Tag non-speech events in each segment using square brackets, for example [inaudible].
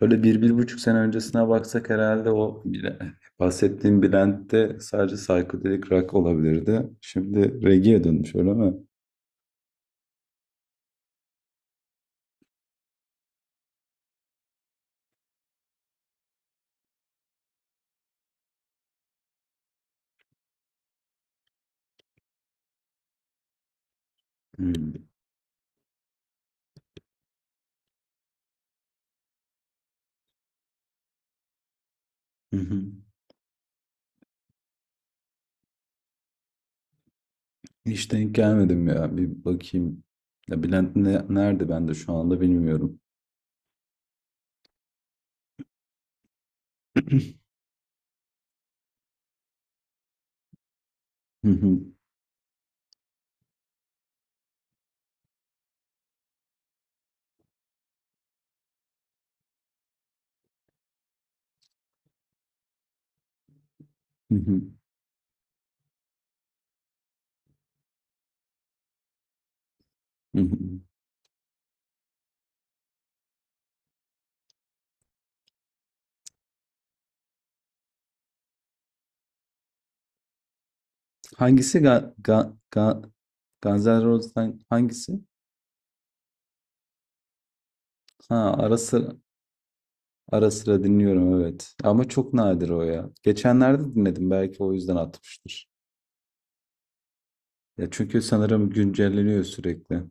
Böyle bir, bir buçuk sene öncesine baksak herhalde o bile, bahsettiğim Bülent'te sadece psychedelic rock olabilirdi. Şimdi reggae'ye dönmüş öyle mi? Hmm. Hı hı. Hiç denk gelmedim ya. Bir bakayım. Ya Bülent nerede ben de şu anda bilmiyorum. [clears throat] Hı hı, hı hı, hı hı. Hangisi Guns N' Roses'tan hangisi? Ha ara sıra, ara sıra dinliyorum, evet. Ama çok nadir o ya. Geçenlerde dinledim, belki o yüzden atmıştır. Ya çünkü sanırım güncelleniyor sürekli.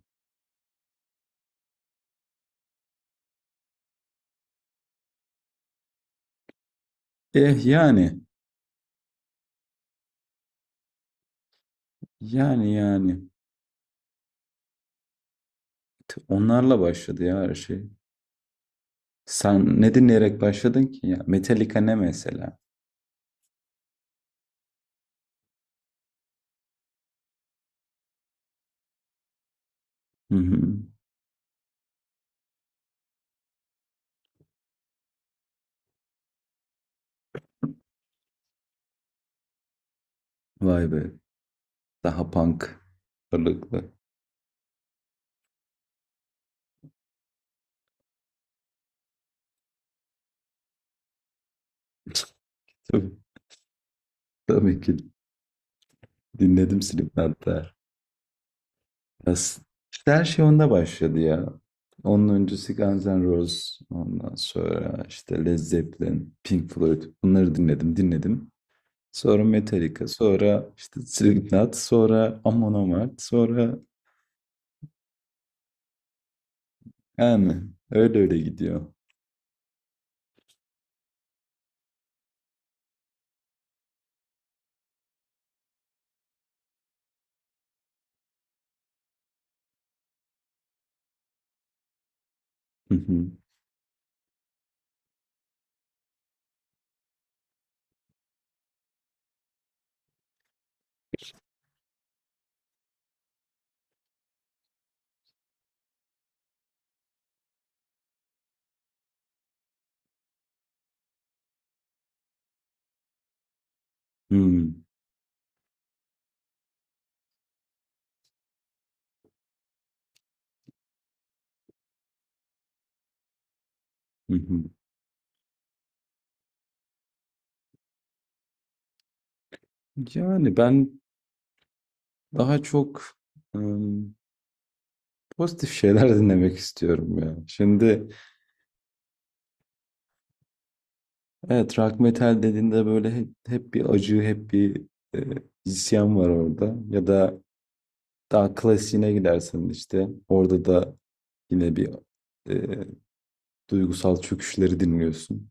Eh yani. Yani yani. Onlarla başladı ya her şey. Sen ne dinleyerek başladın ki ya? Metallica ne mesela? Hı hı. Vay be. Daha punk ağırlıklı. Tabii, tabii ki dinledim Slipknot da. Ya s- işte her şey onda başladı ya. Onun öncesi Guns N' Roses. Ondan sonra işte Led Zeppelin, Pink Floyd. Bunları dinledim, dinledim. Sonra Metallica, sonra işte Slipknot, sonra Amon Amarth, sonra yani öyle öyle gidiyor. Hı hı, hı hı, hı. Yani ben daha çok ım, pozitif şeyler [laughs] dinlemek istiyorum ya. Şimdi evet, rock metal dediğinde böyle hep, hep bir acı, hep bir e, isyan var orada. Ya da daha klasiğine gidersen işte orada da yine bir e, duygusal çöküşleri dinliyorsun.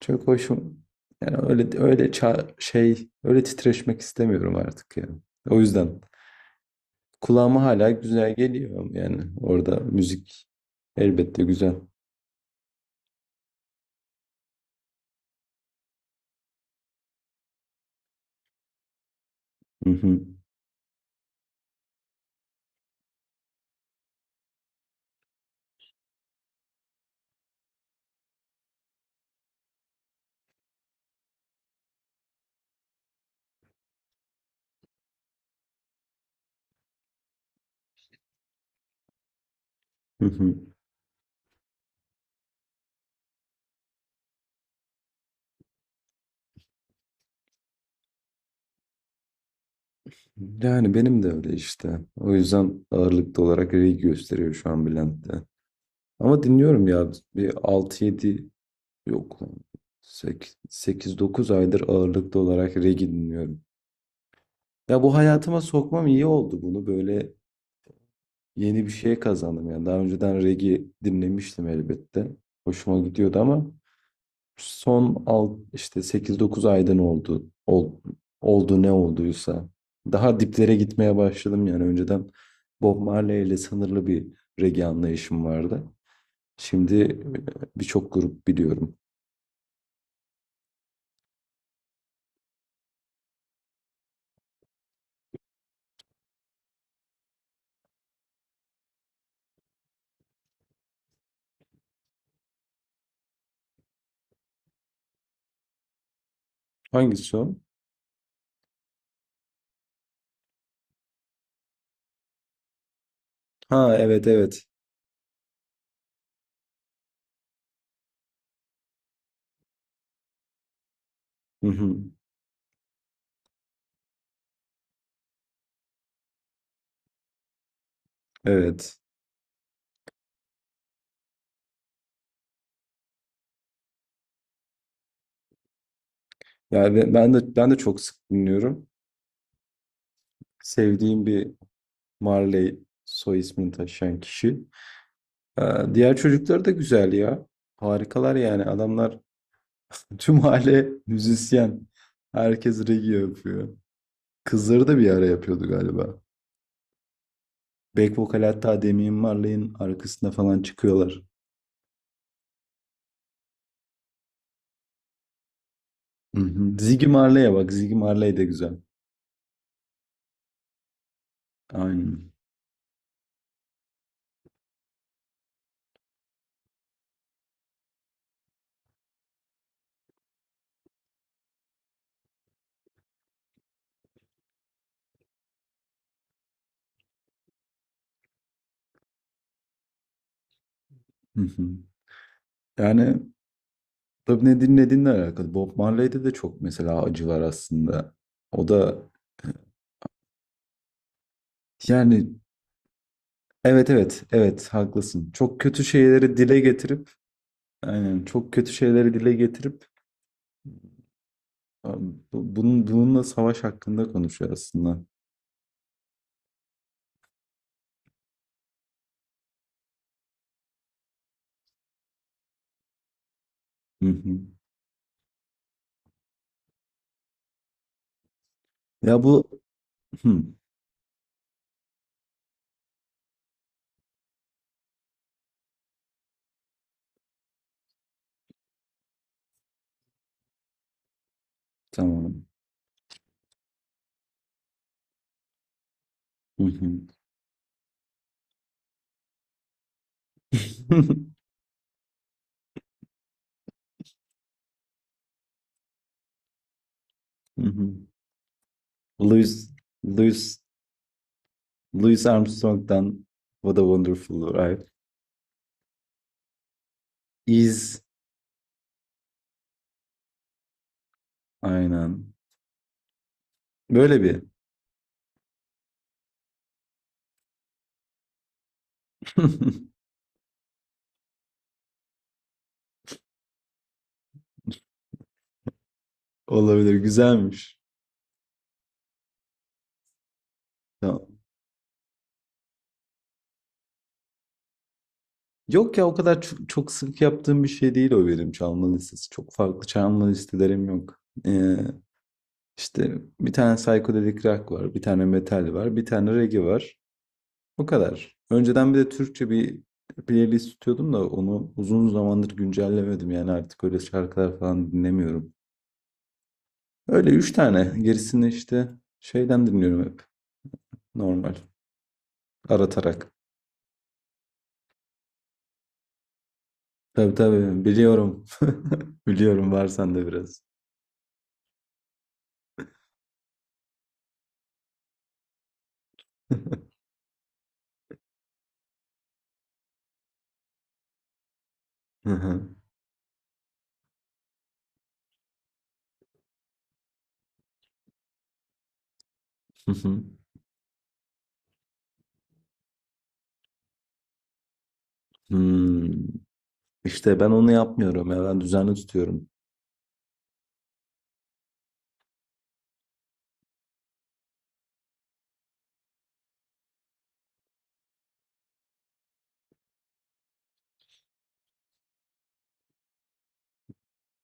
Çok hoşum. Yani öyle öyle öyle titreşmek istemiyorum artık ya. O yüzden kulağıma hala güzel geliyor, yani orada müzik elbette güzel. Hı hı. Hı hı. Yani benim de öyle işte. O yüzden ağırlıklı olarak reggae gösteriyor şu an Bülent'te. Ama dinliyorum ya, bir 6-7, yok lan, 8-9 aydır ağırlıklı olarak reggae dinliyorum. Ya bu hayatıma sokmam iyi oldu bunu böyle. Yeni bir şey kazandım yani. Daha önceden reggae dinlemiştim elbette. Hoşuma gidiyordu ama işte 8-9 ayda ne oldu, oldu, ne olduysa daha diplere gitmeye başladım yani. Önceden Bob Marley ile sınırlı bir reggae anlayışım vardı. Şimdi birçok grup biliyorum. Hangisi o? Ha, evet evet. Hı hı. Evet. Yani ben de çok sık dinliyorum. Sevdiğim bir Marley soy ismini taşıyan kişi. Diğer çocuklar da güzel ya. Harikalar yani. Adamlar [laughs] tüm aile müzisyen. Herkes regi yapıyor. Kızları da bir ara yapıyordu galiba. Back vokal hatta Damian Marley'in arkasında falan çıkıyorlar. Hı hı. Ziggy Marley'e bak. Ziggy Marley de güzel. Aynen. Hı hı. Yani tabii ne dinlediğinle alakalı. Bob Marley'de de çok mesela acı var aslında. O da yani evet evet evet haklısın. Çok kötü şeyleri dile getirip aynen, çok kötü şeyleri dile getirip abi, bunun bununla savaş hakkında konuşuyor aslında. Hı hı. Ya bu hı, tamam. Hı hı. [laughs] Hı hı. Louis Louis Louis Armstrong'dan What a Wonderful Life is, aynen. Böyle bir [laughs] olabilir, güzelmiş. Tamam. Yok ya, o kadar çok, çok sık yaptığım bir şey değil o, benim çalma listesi. Çok farklı çalma listelerim yok. İşte 1 tane psychedelic rock var, 1 tane metal var, 1 tane reggae var. O kadar. Önceden bir de Türkçe bir playlist tutuyordum da onu uzun zamandır güncellemedim. Yani artık öyle şarkılar falan dinlemiyorum. Öyle 3 tane. Gerisini işte şeyden dinliyorum hep. Normal. Aratarak. Tabii tabii biliyorum. [laughs] Biliyorum, var sende biraz. [laughs] Hı hı. Hı hı. Hmm. İşte ben onu yapmıyorum ya, ben düzenli tutuyorum.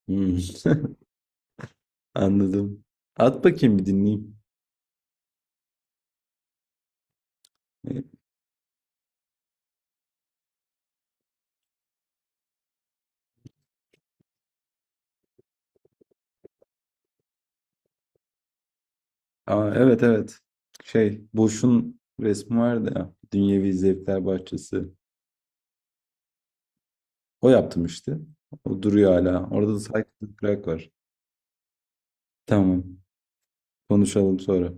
Hmm. [laughs] Anladım. At bakayım, bir dinleyeyim. E, Aa, evet evet. Şey, Boş'un resmi vardı ya. Dünyevi Zevkler Bahçesi. O yaptım işte. O duruyor hala. Orada da Cycle Track var. Tamam. Konuşalım sonra.